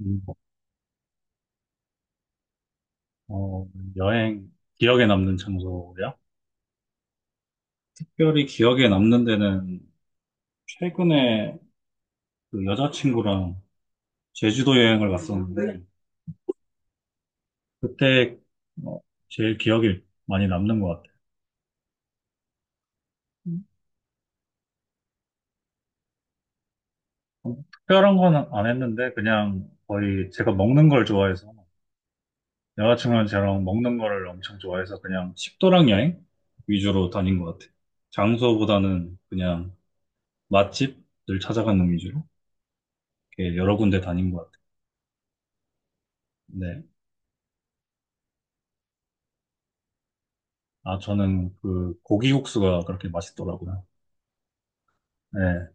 음, 어, 여행, 기억에 남는 장소야? 특별히 기억에 남는 데는 최근에 그 여자친구랑 제주도 여행을 갔었는데, 그때 어, 제일 기억에 많이 남는 것 같아요. 음. 특별한 건 안 했는데, 그냥 거의 제가 먹는 걸 좋아해서, 여자친구랑 저랑 먹는 거를 엄청 좋아해서 그냥 식도락 여행 위주로 다닌 것 같아요. 장소보다는 그냥 맛집을 찾아가는 위주로 이렇게 여러 군데 다닌 것 같아요. 네. 아, 저는 그 고기국수가 그렇게 맛있더라고요. 네.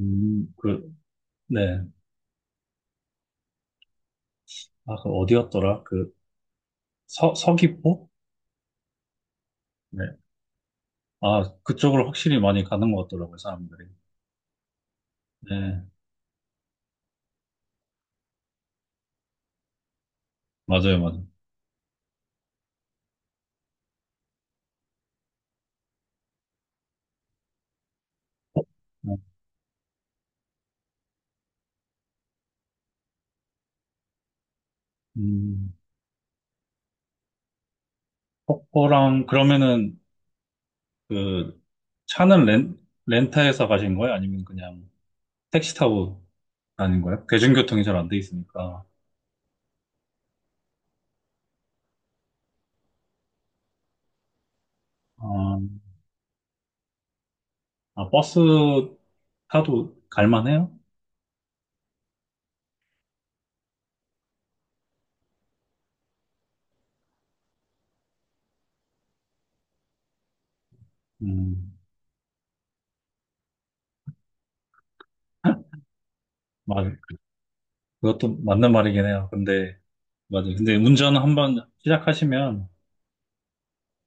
그, 네. 아, 그 어디였더라? 그 서귀포? 네. 아, 그쪽으로 확실히 많이 가는 것 같더라고요, 사람들이. 네. 맞아요, 맞아요. 네. 음, 폭포랑, 그러면은 그 차는 렌터에서 가신 거예요? 아니면 그냥 택시 타고 다닌 거예요? 대중교통이 잘 안돼 있으니까. 아, 아, 버스 타도 갈만해요? 음, 맞아요. 그것도 맞는 말이긴 해요. 근데, 맞아요. 근데 운전 한 번 시작하시면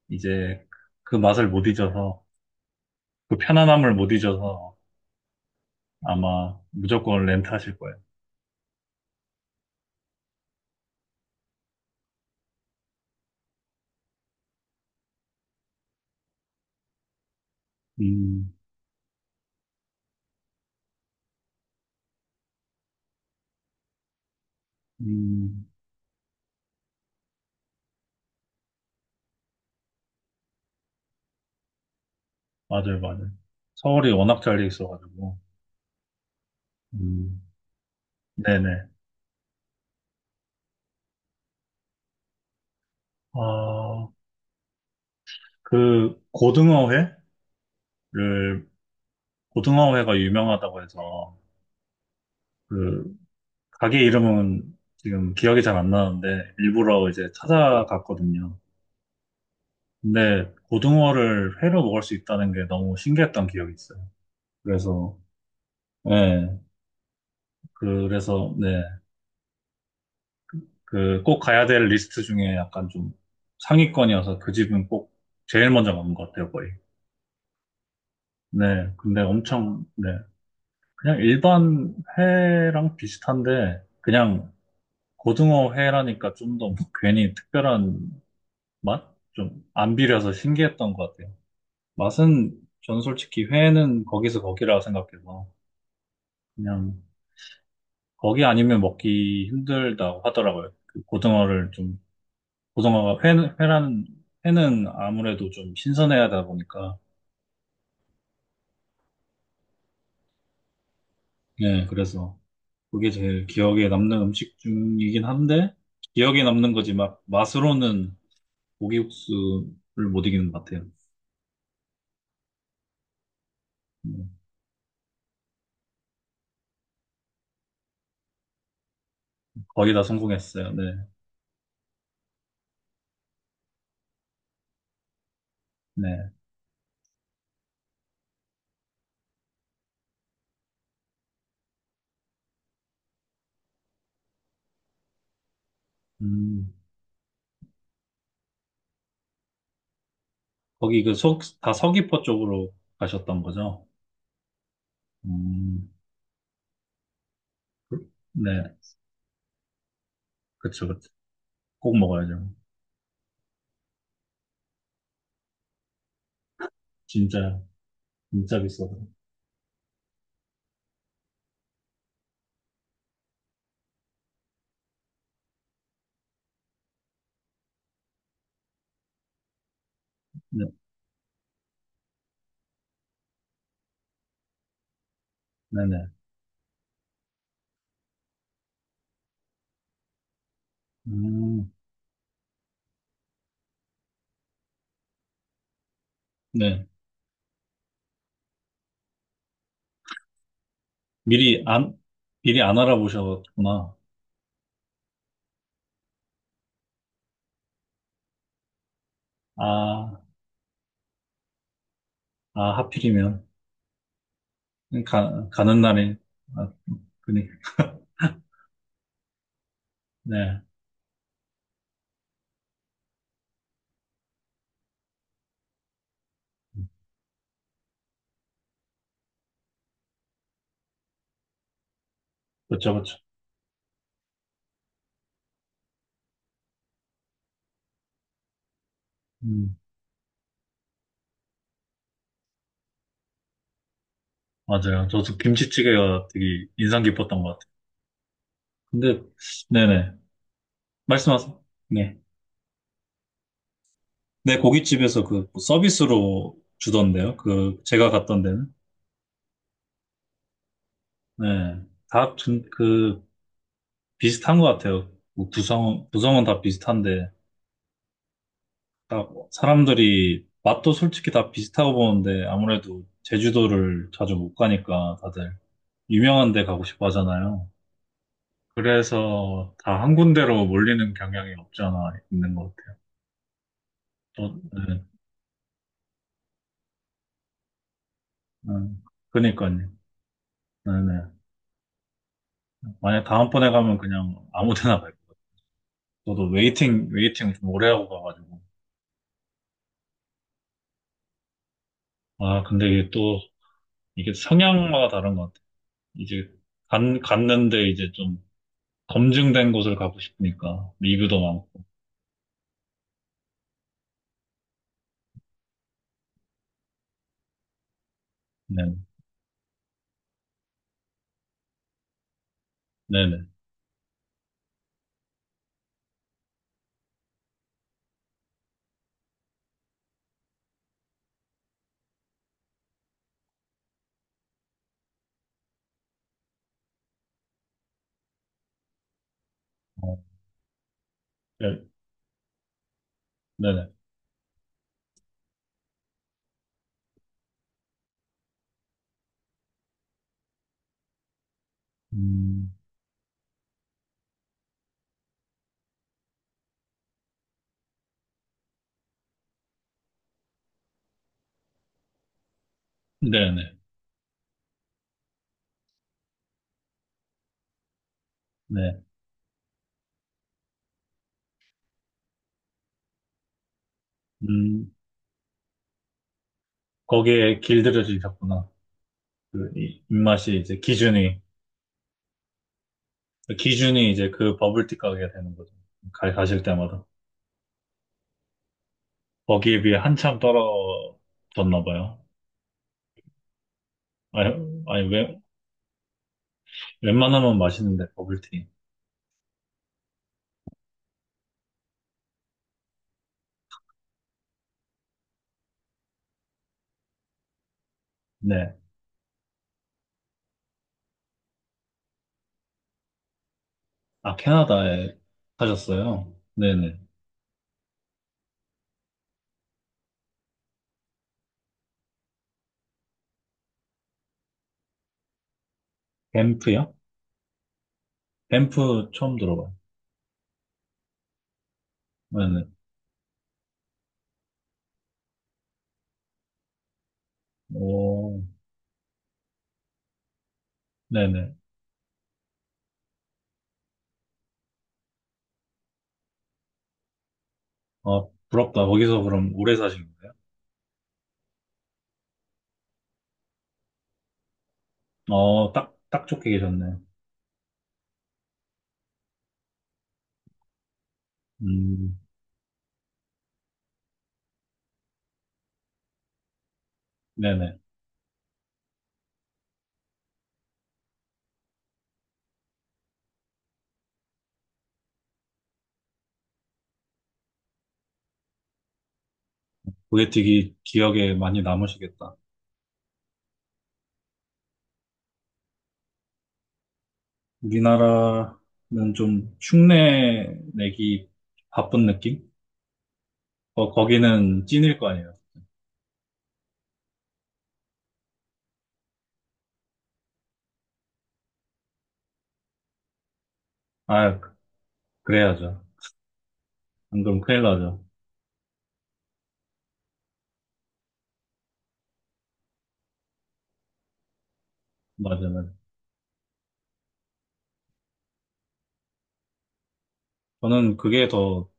이제 그 맛을 못 잊어서, 그 편안함을 못 잊어서 아마 무조건 렌트하실 거예요. 음, 음, 맞아요, 맞아요. 서울이 워낙 잘돼 있어가지고, 음, 네네. 아, 그 고등어회를, 고등어회가 유명하다고 해서, 그, 가게 이름은 지금 기억이 잘 안 나는데, 일부러 이제 찾아갔거든요. 근데 고등어를 회로 먹을 수 있다는 게 너무 신기했던 기억이 있어요. 그래서, 네, 그래서, 네, 그 꼭 가야 될 리스트 중에 약간 좀 상위권이어서 그 집은 꼭 제일 먼저 가는 것 같아요, 거의. 네, 근데 엄청, 네, 그냥 일반 회랑 비슷한데, 그냥 고등어 회라니까 좀더 뭐 괜히 특별한 맛? 좀 안 비려서 신기했던 것 같아요. 맛은 전 솔직히 회는 거기서 거기라 생각해서 그냥 거기 아니면 먹기 힘들다고 하더라고요. 그 고등어가 회라는, 회는 아무래도 좀 신선해야 하다 보니까. 예 그래서 그게 제일 기억에 남는 음식 중이긴 한데, 기억에 남는 거지 막 맛으로는 고기국수를 못 이기는 것 같아요. 음, 거의 다 성공했어요. 네, 네. 음, 거기 그 다 서귀포 쪽으로 가셨던 거죠? 음, 네, 그쵸, 그쵸. 꼭 먹어야죠. 진짜, 진짜 비싸서. 네. 네네. 음, 네. 미리 안, 미리 안 알아보셨구나. 아, 아, 하필이면. 가는 날에. 아, 그니까. 네. 그쵸, 그쵸. 음, 맞아요. 저도 김치찌개가 되게 인상 깊었던 것 같아요. 근데, 네네. 말씀하세요. 네. 네, 고깃집에서 그 서비스로 주던데요. 그, 제가 갔던 데는. 네. 다, 좀 그, 비슷한 것 같아요. 뭐 구성은 다 비슷한데. 딱 사람들이 맛도 솔직히 다 비슷하고 보는데 아무래도 제주도를 자주 못 가니까 다들 유명한 데 가고 싶어 하잖아요. 그래서 다 한 군데로 몰리는 경향이 없지 않아 있는 것 같아요. 또, 네. 음, 그니까요. 네네. 만약 다음번에 가면 그냥 아무 데나 갈거 같아요. 저도 웨이팅 좀 오래 하고 가가지고. 아, 근데 이게 또, 이게 성향마다 다른 것 같아요. 이제 갔는데 이제 좀 검증된 곳을 가고 싶으니까. 리뷰도 많고. 네, 네네. 어, 네, 네네. 음, 네네. 네. 네. 음, 거기에 길들여지셨구나. 그, 입맛이 이제 기준이, 기준이 이제 그 버블티 가게가 되는 거죠. 가실 때마다. 거기에 비해 한참 떨어졌나 봐요. 아니, 아니, 웬만하면 맛있는데, 버블티. 네. 아, 캐나다에 사셨어요? 네네. 밴프요? 밴프 처음 들어봐요. 네네. 오, 네네. 아, 부럽다. 거기서 그럼 오래 사신 거예요? 딱 좋게 계셨네. 음, 네네. 그게 되게 기억에 많이 남으시겠다. 우리나라는 좀 흉내 내기 바쁜 느낌? 거기는 찐일 거 아니에요. 아, 그래야죠. 안 그러면 큰일 나죠. 맞아요. 저는 그게 더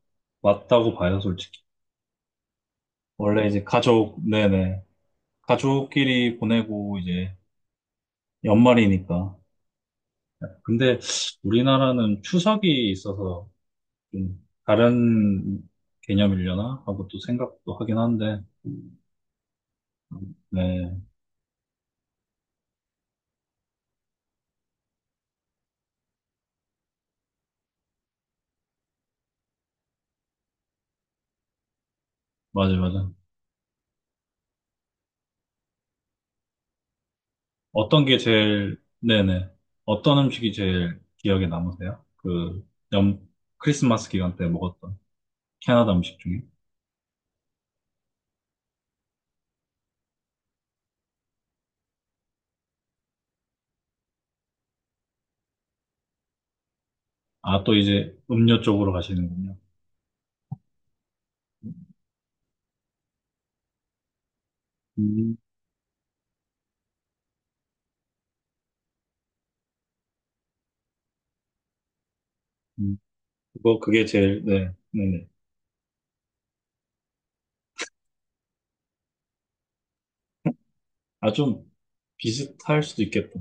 맞다고 봐요, 솔직히. 원래 이제 가족, 네네. 가족끼리 보내고 이제 연말이니까. 근데 우리나라는 추석이 있어서 좀 다른 개념이려나 하고 또 생각도 하긴 한데, 네, 맞아, 맞아. 어떤 게 제일, 네네. 어떤 음식이 제일 기억에 남으세요? 그, 연, 크리스마스 기간 때 먹었던 캐나다 음식 중에. 아, 또 이제 음료 쪽으로 가시는군요. 음, 음. 그게 제일, 네, 네네. 아, 좀 비슷할 수도 있겠다.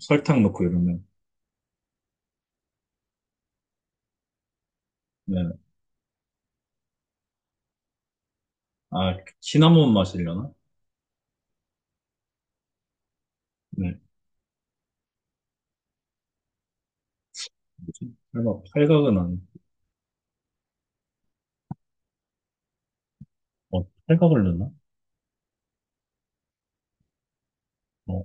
설탕 넣고 이러면. 네. 아, 시나몬 맛이려나? 네. 뭐지? 설마 팔각은 아니 뭐 탈각을 넣나? 뭐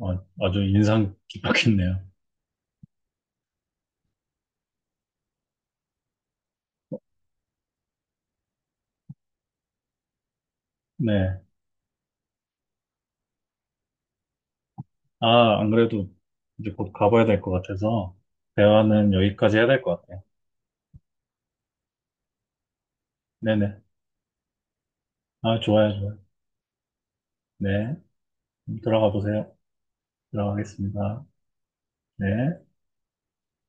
아, 아주 인상 깊었겠네요. 네. 아, 안 그래도 이제 곧 가봐야 될 것 같아서 대화는 여기까지 해야 될 것 같아요. 네네. 아, 좋아요, 좋아요. 네. 들어가 보세요. 들어가겠습니다. 네.